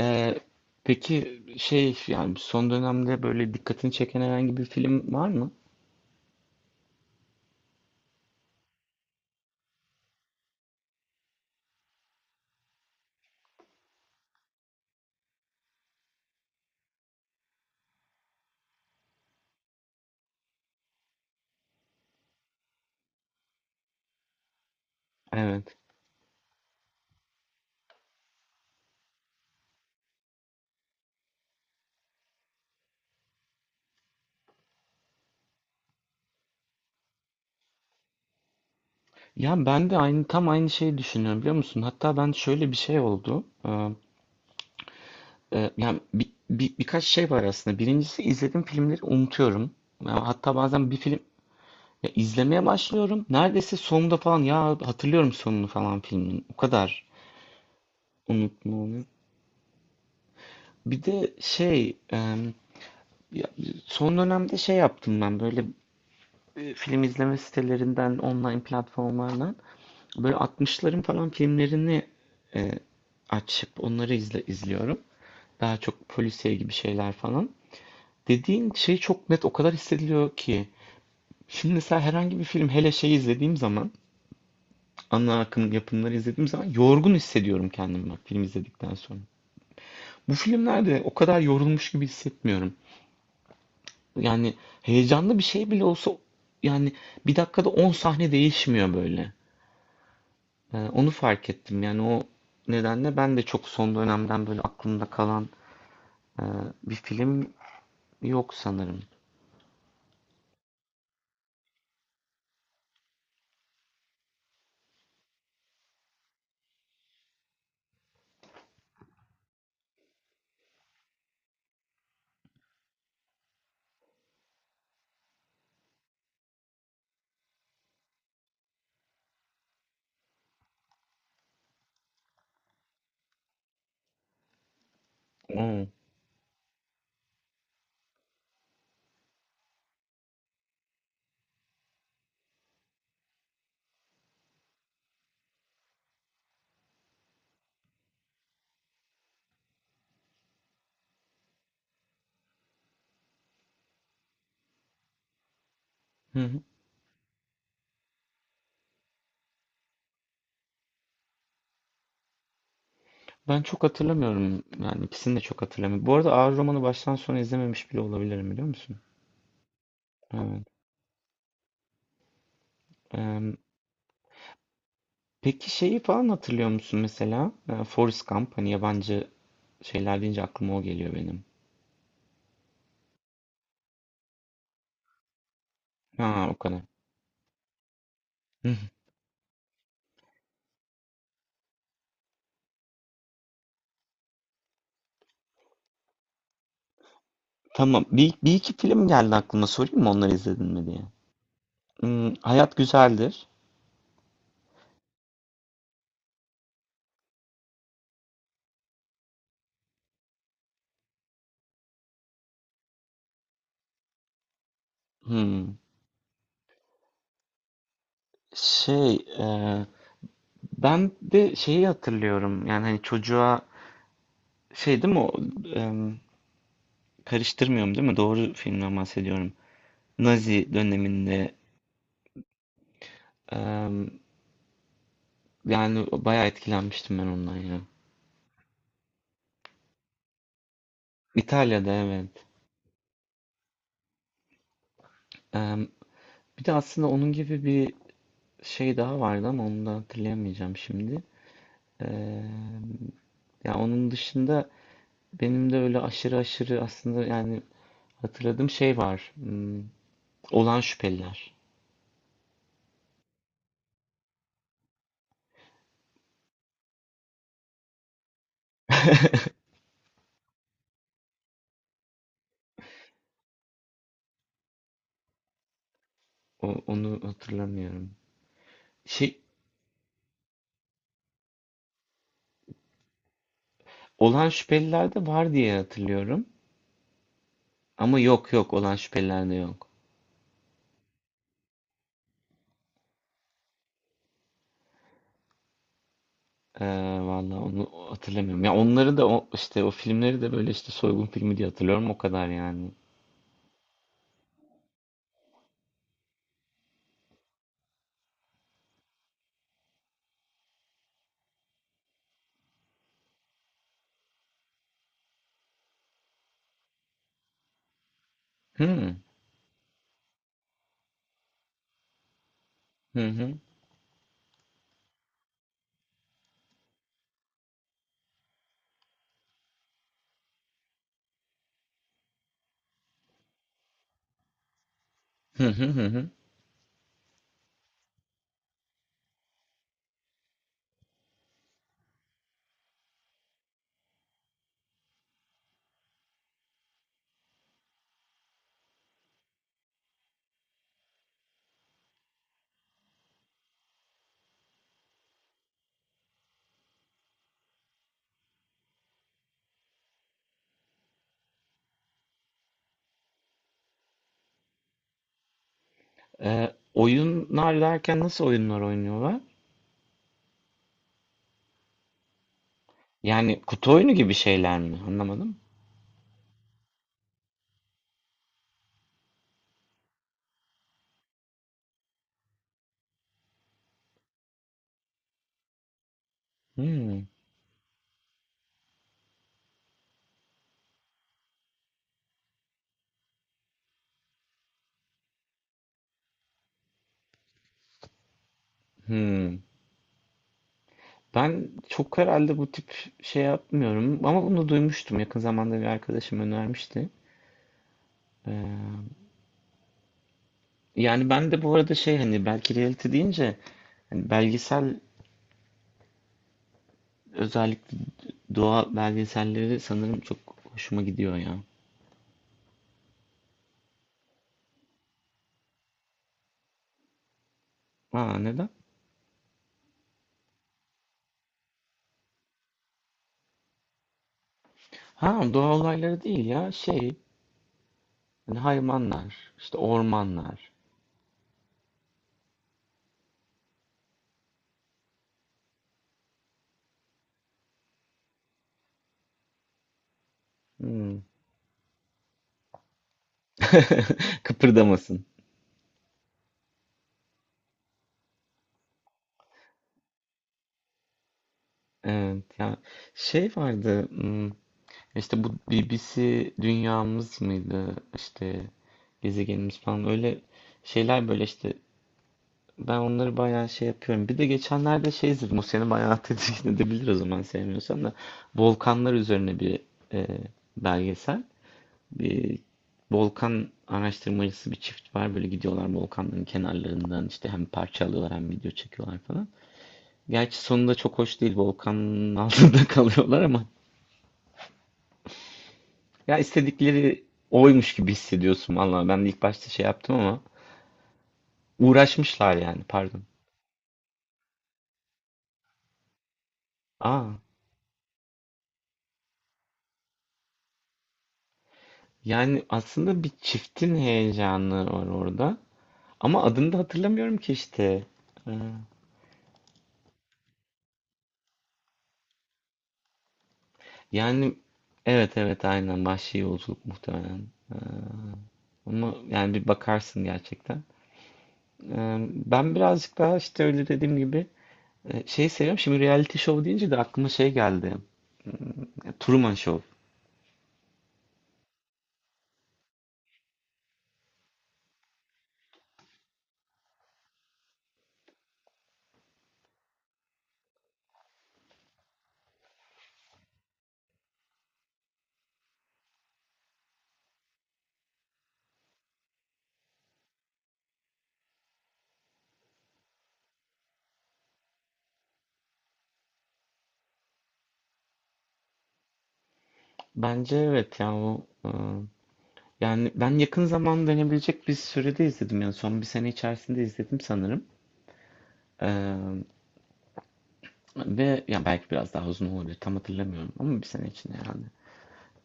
Ee, peki şey yani son dönemde böyle dikkatini çeken herhangi bir film var mı? Evet. Ya ben de aynı tam aynı şeyi düşünüyorum biliyor musun? Hatta ben şöyle bir şey oldu. Yani birkaç şey var aslında. Birincisi izlediğim filmleri unutuyorum. Ya hatta bazen bir film ya izlemeye başlıyorum. Neredeyse sonunda falan ya hatırlıyorum sonunu falan filmin. O kadar unutma oluyor. Bir de şey ya son dönemde şey yaptım ben böyle film izleme sitelerinden, online platformlardan böyle 60'ların falan filmlerini e, açıp onları izliyorum. Daha çok polisiye gibi şeyler falan. Dediğin şey çok net o kadar hissediliyor ki. Şimdi mesela herhangi bir film hele şey izlediğim zaman, ana akım yapımları izlediğim zaman yorgun hissediyorum kendimi bak film izledikten sonra. Bu filmlerde o kadar yorulmuş gibi hissetmiyorum. Yani heyecanlı bir şey bile olsa yani bir dakikada 10 sahne değişmiyor böyle. Onu fark ettim. Yani o nedenle ben de çok son dönemden böyle aklımda kalan e, bir film yok sanırım. Oo. Hı hı. Ben çok hatırlamıyorum. Yani ikisini de çok hatırlamıyorum. Bu arada Ağır Roman'ı baştan sona izlememiş bile olabilirim biliyor musun? Evet. Ee, peki şeyi falan hatırlıyor musun mesela? Forrest Gump. Hani yabancı şeyler deyince aklıma o geliyor benim. Ha, o kadar. Hı hı. Tamam. Bir iki film geldi aklıma. Sorayım mı onları izledin mi diye. Hmm, Hayat Güzeldir. Hmm. Şey, ben de şeyi hatırlıyorum. Yani hani çocuğa şey değil mi o e, karıştırmıyorum değil mi? Doğru filmden bahsediyorum. Nazi döneminde e, yani bayağı etkilenmiştim ben ondan ya. İtalya'da, evet. E, Bir de aslında onun gibi bir şey daha vardı ama onu da hatırlayamayacağım şimdi. E, Ya onun dışında benim de öyle aşırı aşırı aslında yani hatırladığım şey var. Hmm, Olan Şüpheliler. Onu hatırlamıyorum. Şey, olan şüpheliler de var diye hatırlıyorum. Ama yok yok, olan şüpheliler de yok. Ee, vallahi onu hatırlamıyorum. Ya onları da işte o filmleri de böyle işte soygun filmi diye hatırlıyorum o kadar yani. Hı hı hı hı hı hı. Hı. Oyunlar derken nasıl oyunlar oynuyorlar? Yani kutu oyunu gibi şeyler mi? Anlamadım. Hmm, hmm. Ben çok herhalde bu tip şey yapmıyorum ama bunu duymuştum. Yakın zamanda bir arkadaşım önermişti. Ee, Yani ben de bu arada şey hani belki reality deyince hani belgesel özellikle doğa belgeselleri sanırım çok hoşuma gidiyor ya. Ha, neden? Ha, doğa olayları değil ya şey hani hayvanlar işte ormanlar. Hmm. Kıpırdamasın. Evet ya, şey vardı işte bu BBC Dünyamız mıydı işte gezegenimiz falan, öyle şeyler böyle işte. Ben onları bayağı şey yapıyorum. Bir de geçenlerde şey izledim. O seni bayağı tedirgin edebilir o zaman, sevmiyorsan da. Volkanlar üzerine bir e, belgesel. Bir volkan araştırmacısı bir çift var. Böyle gidiyorlar volkanların kenarlarından, işte hem parça alıyorlar hem video çekiyorlar falan. Gerçi sonunda çok hoş değil. Volkanın altında kalıyorlar ama ya, istedikleri oymuş gibi hissediyorsun. Vallahi ben de ilk başta şey yaptım ama uğraşmışlar yani, pardon. Aa. Yani aslında bir çiftin heyecanı var orada. Ama adını da hatırlamıyorum ki işte. Ee, Yani evet, evet, aynen, vahşi yolculuk muhtemelen. Ee, Ama yani bir bakarsın gerçekten. Ben birazcık daha işte öyle dediğim gibi şey seviyorum. Şimdi reality show deyince de aklıma şey geldi. Truman Show. Bence evet ya, o yani ben yakın zaman denebilecek bir sürede izledim. Yani son bir sene içerisinde izledim sanırım. Ee, Ve ya belki biraz daha uzun olabilir, tam hatırlamıyorum ama bir sene içinde yani.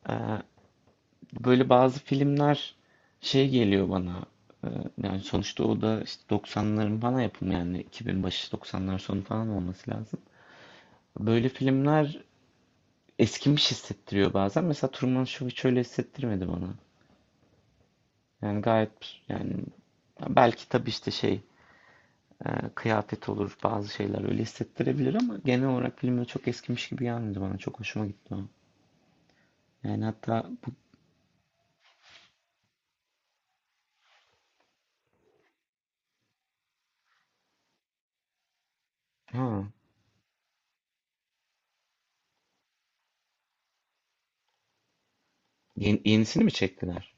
Ee, Böyle bazı filmler şey geliyor bana e, yani sonuçta o da işte 90'ların falan yapımı, yani 2000 başı 90'lar sonu falan olması lazım. Böyle filmler eskimiş hissettiriyor bazen. Mesela Truman Show hiç öyle hissettirmedi bana. Yani gayet, yani belki tabii işte şey kıyafet olur, bazı şeyler öyle hissettirebilir ama genel olarak filmler çok eskimiş gibi gelmedi bana. Çok hoşuma gitti o. Yani hatta bu, ha. Yenisini mi çektiler?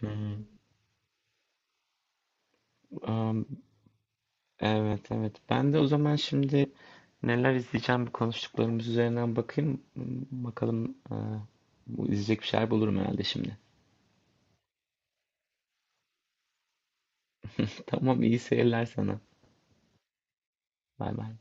Hmm. Am, evet, evet. Ben de o zaman şimdi neler izleyeceğim bir, konuştuklarımız üzerinden bakayım. Hmm, bakalım bu, izleyecek bir şeyler bulurum herhalde şimdi. Tamam, iyi seyirler sana. Bay bay.